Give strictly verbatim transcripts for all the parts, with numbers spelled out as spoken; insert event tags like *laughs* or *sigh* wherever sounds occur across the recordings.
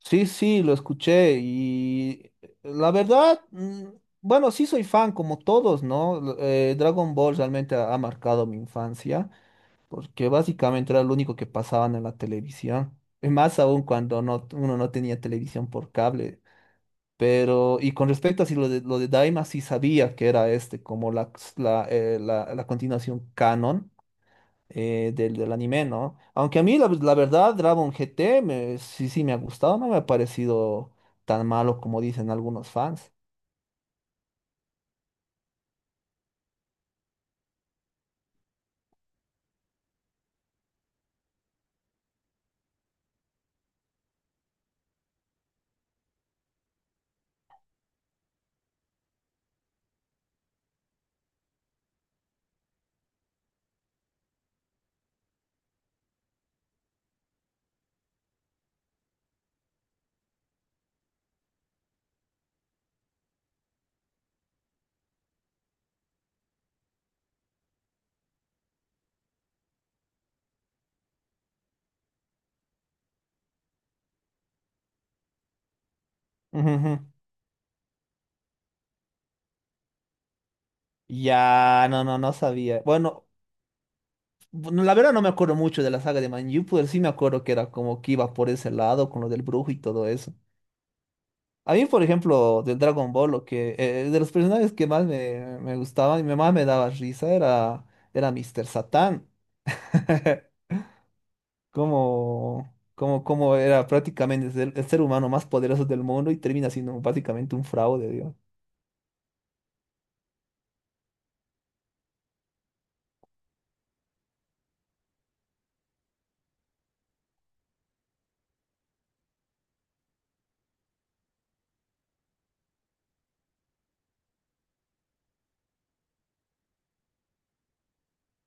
Sí, sí, lo escuché y la verdad, mm, bueno, sí soy fan como todos, ¿no? L- eh, Dragon Ball realmente ha, ha marcado mi infancia porque básicamente era lo único que pasaban en la televisión, y más aún cuando no, uno no tenía televisión por cable. Pero, y con respecto a si lo de, lo de Daima, sí sabía que era este, como la, la, eh, la la continuación canon eh, del, del anime, ¿no? Aunque a mí, la, la verdad, Dragon G T me- sí, sí me ha gustado, no me ha parecido tan malo como dicen algunos fans. Ujú, ujú. Ya, no, no, no sabía. Bueno, bueno, la verdad no me acuerdo mucho de la saga de Manju, pero sí me acuerdo que era como que iba por ese lado con lo del brujo y todo eso. A mí, por ejemplo, del Dragon Ball, lo que, eh, eh, de los personajes que más me, me gustaban y me- más me daba risa era, era míster Satan. *laughs* cómo, cómo, cómo era prácticamente el, ser el ser humano más poderoso del mundo y termina siendo básicamente un fraude, Dios.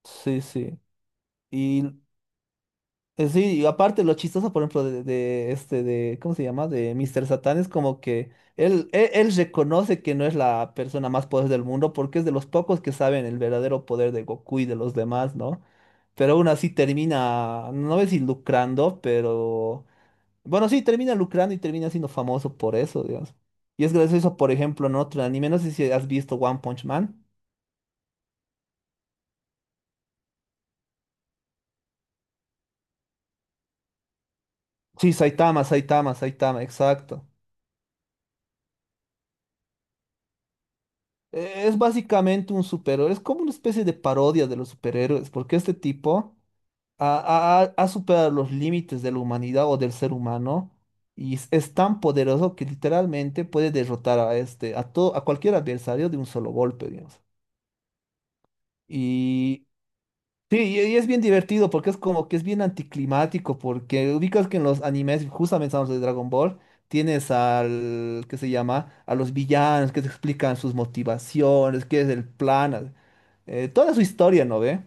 Sí, sí. Y eh, sí, y aparte lo chistoso, por ejemplo, de, de este, de, ¿cómo se llama? De míster Satan es como que él, él, él reconoce que no es la persona más poderosa del mundo porque es de los pocos que saben el verdadero poder de Goku y de los demás, ¿no? Pero aún así termina, no sé si lucrando, pero bueno, sí, termina lucrando y termina siendo famoso por eso, digamos. Y es gracias a eso, por ejemplo, en otro anime, no sé si has visto One Punch Man. Sí, Saitama, Saitama, Saitama, exacto. Eh, Es básicamente un superhéroe, es como una especie de parodia de los superhéroes, porque este tipo ha, ha- ha- ha superado los límites de la humanidad o del ser humano y es, es tan poderoso que literalmente puede derrotar a este, a todo, a cualquier adversario de un solo golpe, digamos. Sí, y y es bien divertido porque es como que es bien anticlimático, porque ubicas que en los animes, justamente estamos de Dragon Ball, tienes al, ¿qué se llama? A los villanos que te explican sus motivaciones, qué es el plan, eh, toda su historia, ¿no ve?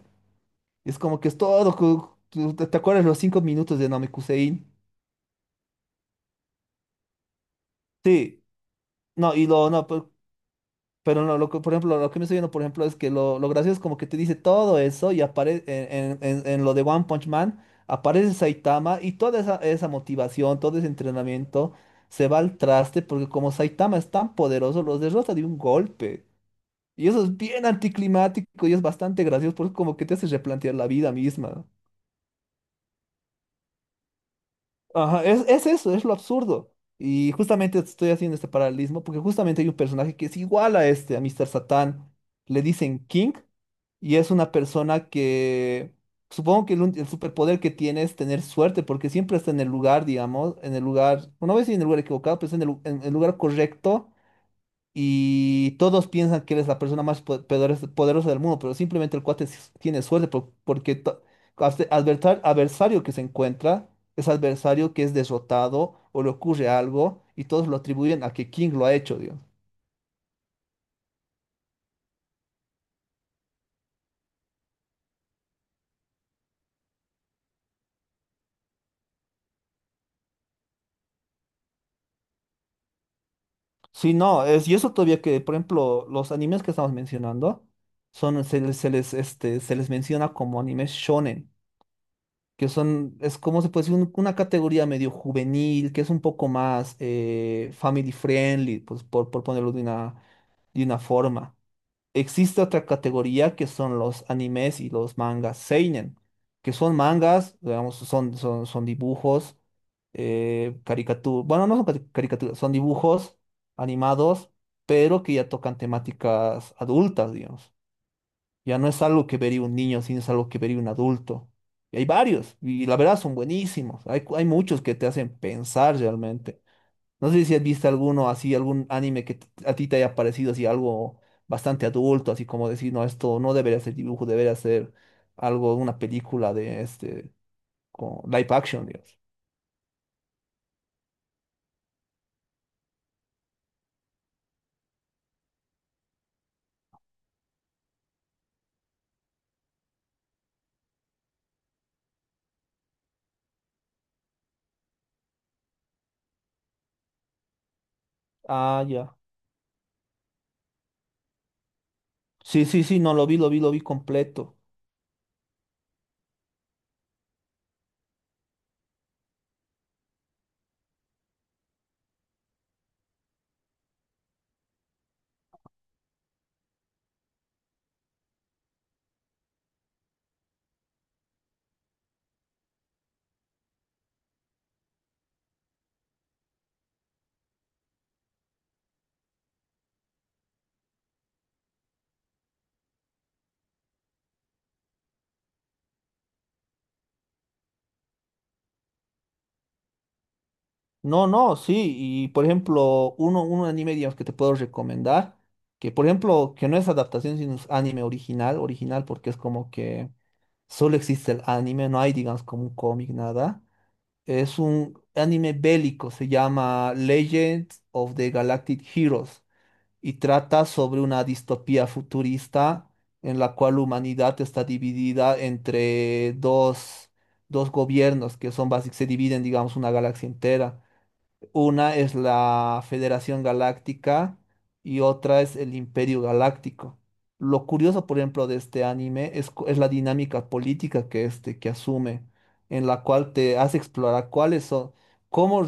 Y es como que es todo, cu- cu- ¿te te acuerdas los cinco minutos de Namekusein? Sí, no, y lo, no, pues, Pero no, lo que- por ejemplo, lo que me estoy viendo, por ejemplo, es que lo, lo gracioso es como que te dice todo eso y aparece en, en- en- en lo de One Punch Man, aparece Saitama y toda esa, esa motivación, todo ese entrenamiento se va al traste porque como Saitama es tan poderoso, los derrota de un golpe. Y eso es bien anticlimático y es bastante gracioso porque como que te hace replantear la vida misma. Ajá, es, es eso, es lo absurdo. Y justamente estoy haciendo este paralelismo porque justamente hay un personaje que es igual a este, a míster Satan. Le dicen King. Y es una persona que supongo que el, un- el superpoder que tiene es tener suerte, porque siempre está en el lugar, digamos, en el lugar, no voy a decir en el lugar equivocado, pero está en el, lu- en el lugar correcto. Y todos piensan que él es la persona más po- poderes- poderosa del mundo, pero simplemente el cuate s- tiene suerte por- porque to- adver- adversar- adversario que se encuentra es adversario que es derrotado o le ocurre algo y todos lo atribuyen a que King lo ha hecho, Dios. Sí, no, es, y eso todavía que, por ejemplo, los animes que estamos mencionando son, se, les, se les, este, se les menciona como animes shonen, que son, es como se puede decir, Un- una categoría medio juvenil, que es un poco más eh, family friendly, pues por, por ponerlo de una, de una forma. Existe otra categoría que son los animes y los mangas seinen, que son mangas, digamos, son, son, son dibujos, caricaturas, bueno, no son cari- caricaturas, son dibujos animados, pero que ya tocan temáticas adultas, digamos. Ya no es algo que vería un niño, sino es algo que vería un adulto. Y hay varios, y la verdad son buenísimos. Hay, cu- hay muchos que te hacen pensar realmente. No sé si has visto alguno así, algún anime que t- a ti te haya parecido así algo bastante adulto, así como decir, no, esto no debería ser dibujo, debería ser algo, una película de este, con live action, digamos. Ah, ya. Sí, sí, sí, no, lo vi, lo vi, lo vi completo. No, no, sí, y por ejemplo, uno, un anime, digamos, que te puedo recomendar, que por ejemplo, que no es adaptación, sino es anime original, original, porque es como que solo existe el anime, no hay, digamos, como un cómic, nada. Es un anime bélico, se llama Legends of the Galactic Heroes y trata sobre una distopía futurista en la cual la humanidad está dividida entre dos, dos gobiernos que son básicamente, se dividen, digamos, una galaxia entera. Una es la Federación Galáctica y otra es el Imperio Galáctico. Lo curioso, por ejemplo, de este anime es, cu- es la dinámica política que, este, que asume, en la cual te hace explorar cuáles son, cómo,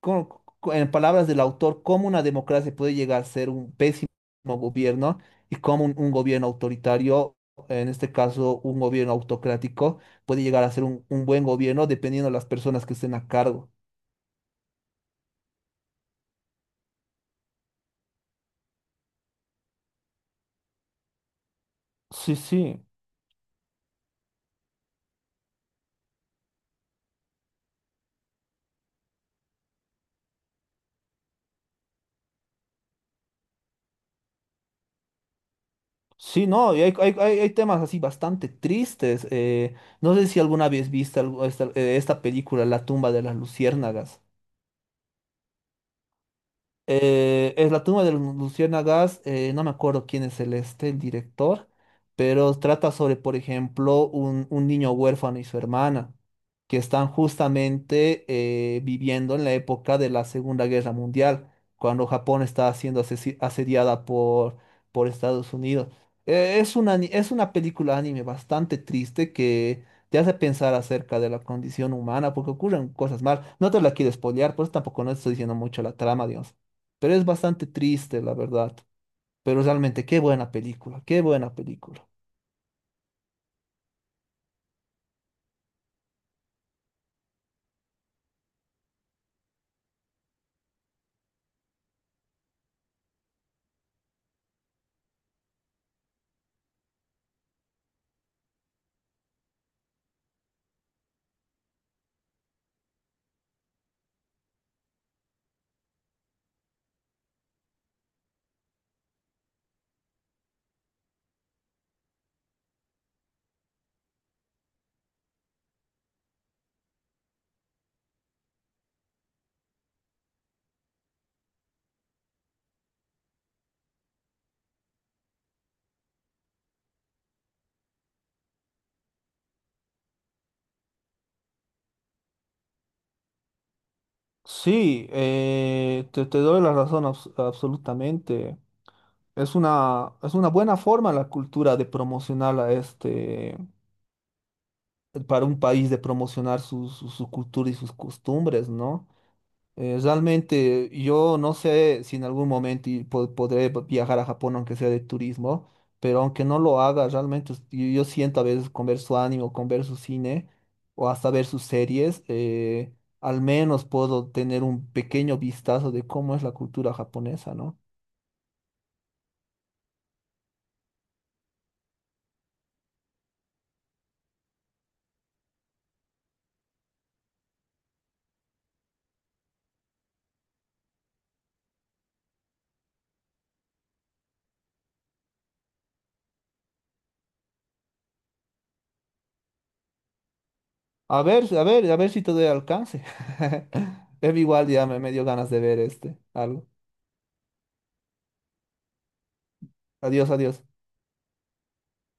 cómo- cu- en palabras del autor, cómo una democracia puede llegar a ser un pésimo gobierno y cómo un, un gobierno autoritario, en este caso un gobierno autocrático, puede llegar a ser un un buen gobierno dependiendo de las personas que estén a cargo. Sí, sí. Sí, no, y hay, hay- hay- hay temas así bastante tristes. eh, no sé si alguna vez viste algo- esta, eh, esta película, La tumba de las luciérnagas. Eh, es la tumba de los luciérnagas, eh, no me acuerdo quién es el este, el director, pero trata sobre, por ejemplo, un, un niño huérfano y su hermana, que están justamente eh, viviendo en la época de la Segunda Guerra Mundial, cuando Japón está siendo asesi- asediada por, por Estados Unidos. Eh, es una, ani- es una película anime bastante triste que te hace pensar acerca de la condición humana, porque ocurren cosas mal. No te la quiero spoilear, por eso tampoco no estoy diciendo mucho la trama, dios. Pero es bastante triste, la verdad. Pero realmente, qué buena película, qué buena película. Sí, eh, te, te doy la razón abs- absolutamente. Es una, es una buena forma la cultura de promocionar a este, para un país de promocionar su, su, su cultura y sus costumbres, ¿no? Eh, realmente yo no sé si en algún momento y po- podré v- viajar a Japón aunque sea de turismo, pero aunque no lo haga, realmente us- yo, yo siento a veces con ver su anime o con ver su cine o hasta ver sus series, eh, al menos puedo tener un pequeño vistazo de cómo es la cultura japonesa, ¿no? A ver, a ver, a ver si te doy alcance. *laughs* Igual ya me, me dio ganas de ver este, algo. Adiós, adiós.